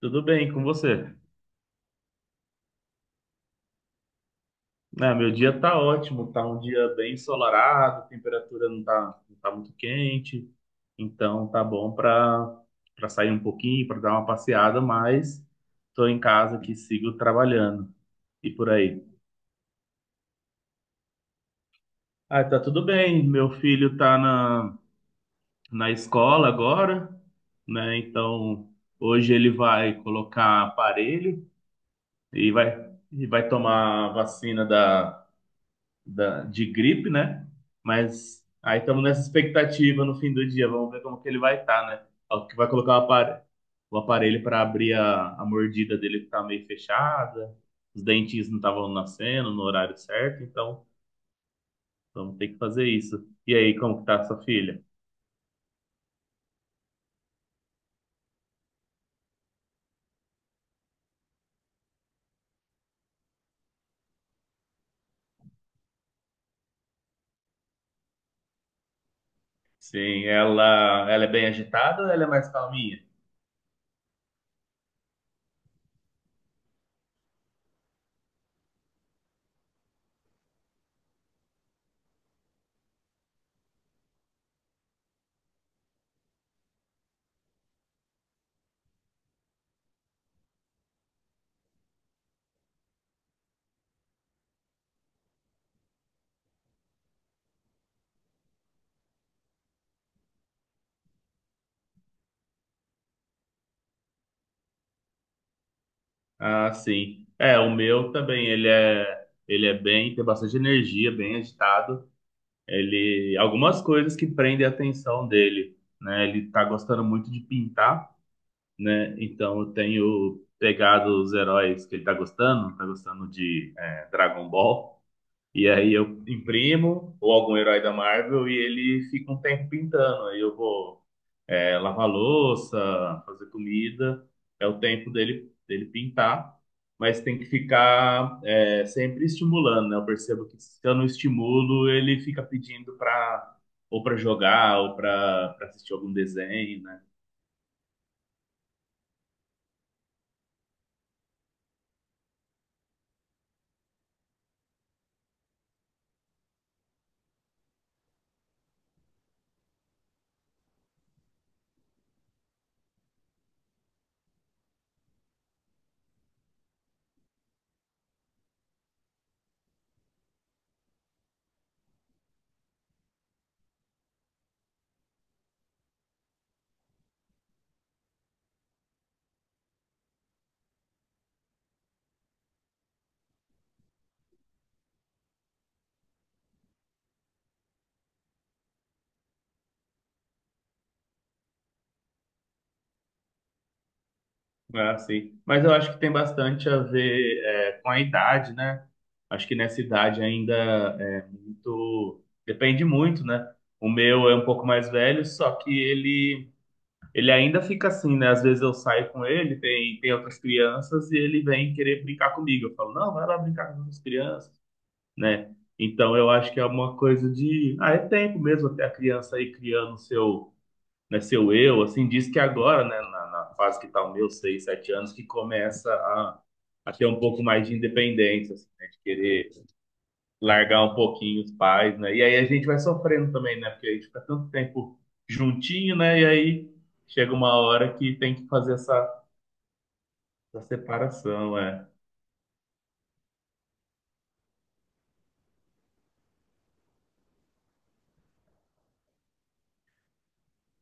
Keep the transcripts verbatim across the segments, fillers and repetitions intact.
Tudo bem com você? Ah, meu dia tá ótimo, tá um dia bem ensolarado, a temperatura não tá, não tá muito quente, então tá bom para para sair um pouquinho, para dar uma passeada, mas tô em casa aqui, sigo trabalhando. E por aí? Ah, tá tudo bem. Meu filho tá na, na escola agora, né? Então hoje ele vai colocar aparelho e vai, e vai tomar a vacina da da- de gripe, né? Mas aí estamos nessa expectativa no fim do dia. Vamos ver como que ele vai estar, né? Ó, que vai colocar o aparelho, o aparelho para abrir a, a mordida dele que tá meio fechada. Os dentinhos não estavam nascendo no horário certo, então vamos ter que fazer isso. E aí, como que tá a sua filha? Sim, ela, ela é bem agitada ou ela é mais calminha? Ah, sim. É, o meu também, ele é, ele é bem, tem bastante energia, bem agitado. Ele algumas coisas que prendem a atenção dele, né? Ele tá gostando muito de pintar, né? Então eu tenho pegado os heróis que ele tá gostando, tá gostando de é, Dragon Ball, e aí eu imprimo ou algum herói da Marvel e ele fica um tempo pintando. Aí eu vou é, lavar louça, fazer comida, é o tempo dele, dele pintar, mas tem que ficar é, sempre estimulando, né? Eu percebo que se eu não estimulo, ele fica pedindo para ou para jogar ou para assistir algum desenho, né? É assim. Mas eu acho que tem bastante a ver é, com a idade, né? Acho que nessa idade ainda é muito. Depende muito, né? O meu é um pouco mais velho, só que ele Ele ainda fica assim, né? Às vezes eu saio com ele, tem, tem outras crianças, e ele vem querer brincar comigo. Eu falo, não, vai lá brincar com as crianças, né? Então eu acho que é uma coisa de. Ah, é tempo mesmo até a criança aí criando seu, né, seu eu. Assim, diz que agora, né, na, na fase que tá o meu, seis, sete anos, que começa a, a ter um pouco mais de independência, assim, né? De querer largar um pouquinho os pais, né? E aí a gente vai sofrendo também, né? Porque a gente fica tanto tempo juntinho, né? E aí chega uma hora que tem que fazer essa, essa, separação, é.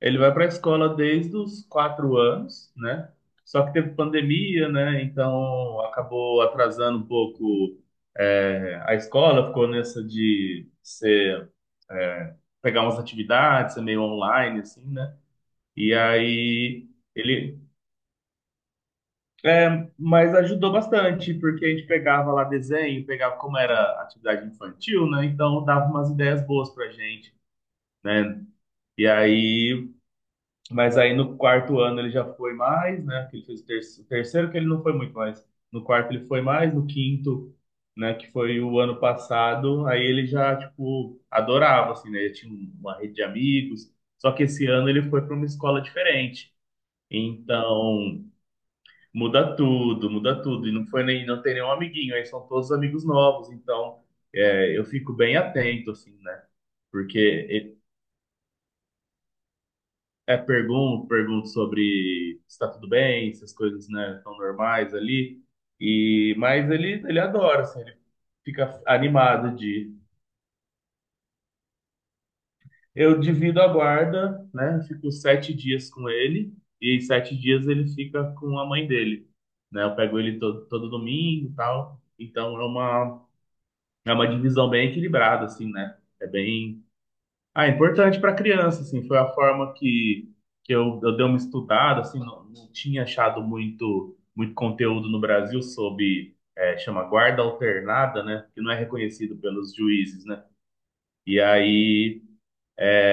Ele vai para a escola desde os quatro anos, né? Só que teve pandemia, né? Então acabou atrasando um pouco é, a escola, ficou nessa de ser, é, pegar umas atividades, ser meio online, assim, né? E aí ele É, mas ajudou bastante, porque a gente pegava lá desenho, pegava como era atividade infantil, né? Então dava umas ideias boas pra gente, né? E aí, mas aí no quarto ano ele já foi mais, né? Que ele fez o terceiro, terceiro que ele não foi muito mais. No quarto ele foi mais, no quinto, né? Que foi o ano passado, aí ele já, tipo, adorava, assim, né? Ele tinha uma rede de amigos, só que esse ano ele foi para uma escola diferente. Então, muda tudo, muda tudo. E não foi nem, não tem nenhum amiguinho, aí são todos amigos novos, então é, eu fico bem atento, assim, né? Porque e- é pergunto, pergunto sobre se tá tudo bem, se as coisas, né, estão normais ali. E, mas ele, ele adora, assim, ele fica animado de. Eu divido a guarda, né? Fico sete dias com ele, e em sete dias ele fica com a mãe dele. Né? Eu pego ele todo, todo domingo e tal. Então é uma É uma divisão bem equilibrada, assim, né? É bem. Ah, é importante para criança, assim. Foi a forma que, que eu, eu dei uma estudada, assim. Não, não tinha achado muito, muito conteúdo no Brasil sobre. É, chama guarda alternada, né? Que não é reconhecido pelos juízes, né? E aí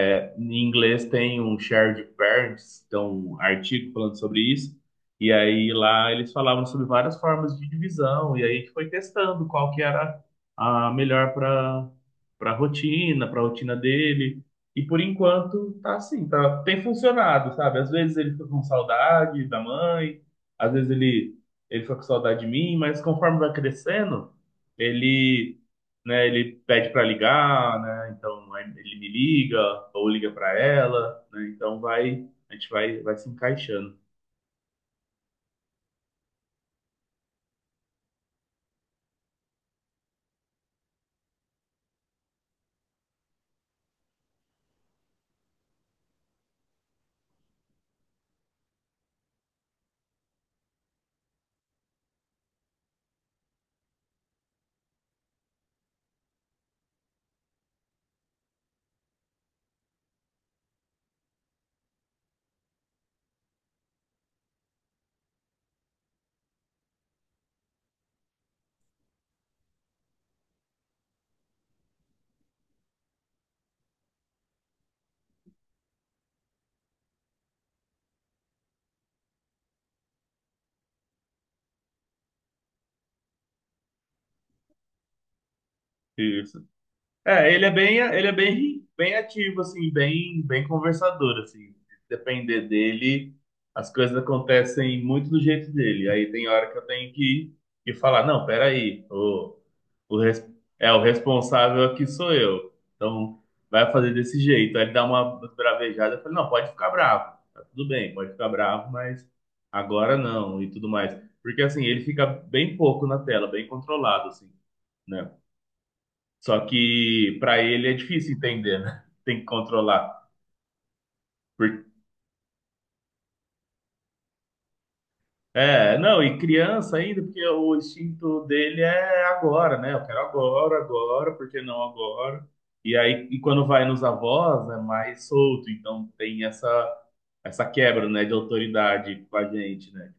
é, em inglês tem um shared parents, então um artigo falando sobre isso. E aí lá eles falavam sobre várias formas de divisão. E aí a gente foi testando qual que era a melhor para para rotina, para rotina dele. E por enquanto tá assim, tá, tem funcionado, sabe? Às vezes ele fica com saudade da mãe, às vezes ele ele fica com saudade de mim, mas conforme vai crescendo, ele né? Ele pede para ligar, né? Então aí ele me liga ou liga para ela, né? Então vai, a gente vai, vai se encaixando. Isso. É, ele é bem, ele é bem, bem ativo assim, bem, bem conversador assim. Se depender dele, as coisas acontecem muito do jeito dele. Aí tem hora que eu tenho que, que falar, não, peraí, O res- é, o responsável aqui sou eu. Então, vai fazer desse jeito. Aí ele dá uma bravejada. Eu falei, não, pode ficar bravo. Tá tudo bem, pode ficar bravo, mas agora não e tudo mais. Porque, assim, ele fica bem pouco na tela, bem controlado, assim, né? Só que pra ele é difícil entender, né? Tem que controlar. É, não, e criança ainda, porque o instinto dele é agora, né? Eu quero agora, agora, por que não agora? E aí, e quando vai nos avós, é mais solto, então tem essa essa quebra, né, de autoridade com a gente, né?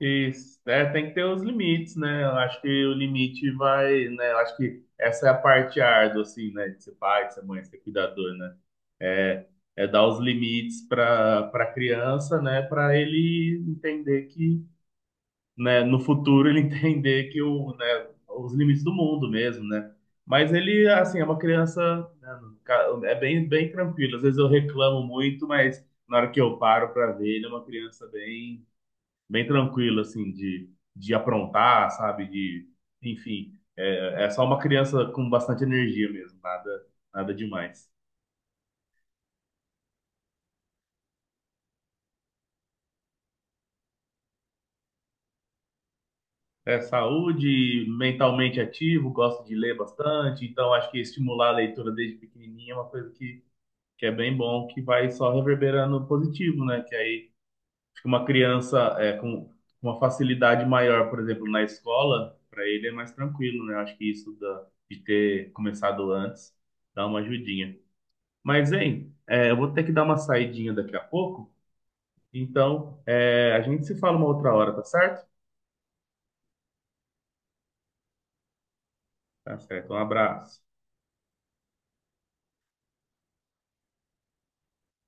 E é, tem que ter os limites, né? Eu acho que o limite vai, né? Eu acho que essa é a parte árdua, assim, né? De ser pai, de ser mãe, de ser cuidador, né? É, é dar os limites para para a criança, né? Para ele entender que né, no futuro ele entender que o, né, os limites do mundo mesmo, né? Mas ele, assim, é uma criança, né, ca- é bem, bem tranquilo. Às vezes eu reclamo muito, mas na hora que eu paro para ver, ele é uma criança bem, bem tranquila, assim, de, de aprontar, sabe? De, enfim, é, é só uma criança com bastante energia mesmo, nada, nada demais. É saúde, mentalmente ativo, gosto de ler bastante, então acho que estimular a leitura desde pequenininho é uma coisa que é bem bom, que vai só reverberando positivo, né? Que aí fica uma criança é, com uma facilidade maior, por exemplo, na escola, para ele é mais tranquilo, né? Acho que isso da, de ter começado antes dá uma ajudinha. Mas, hein, é, eu vou ter que dar uma saidinha daqui a pouco, então é, a gente se fala uma outra hora, tá certo? Tá certo, um abraço.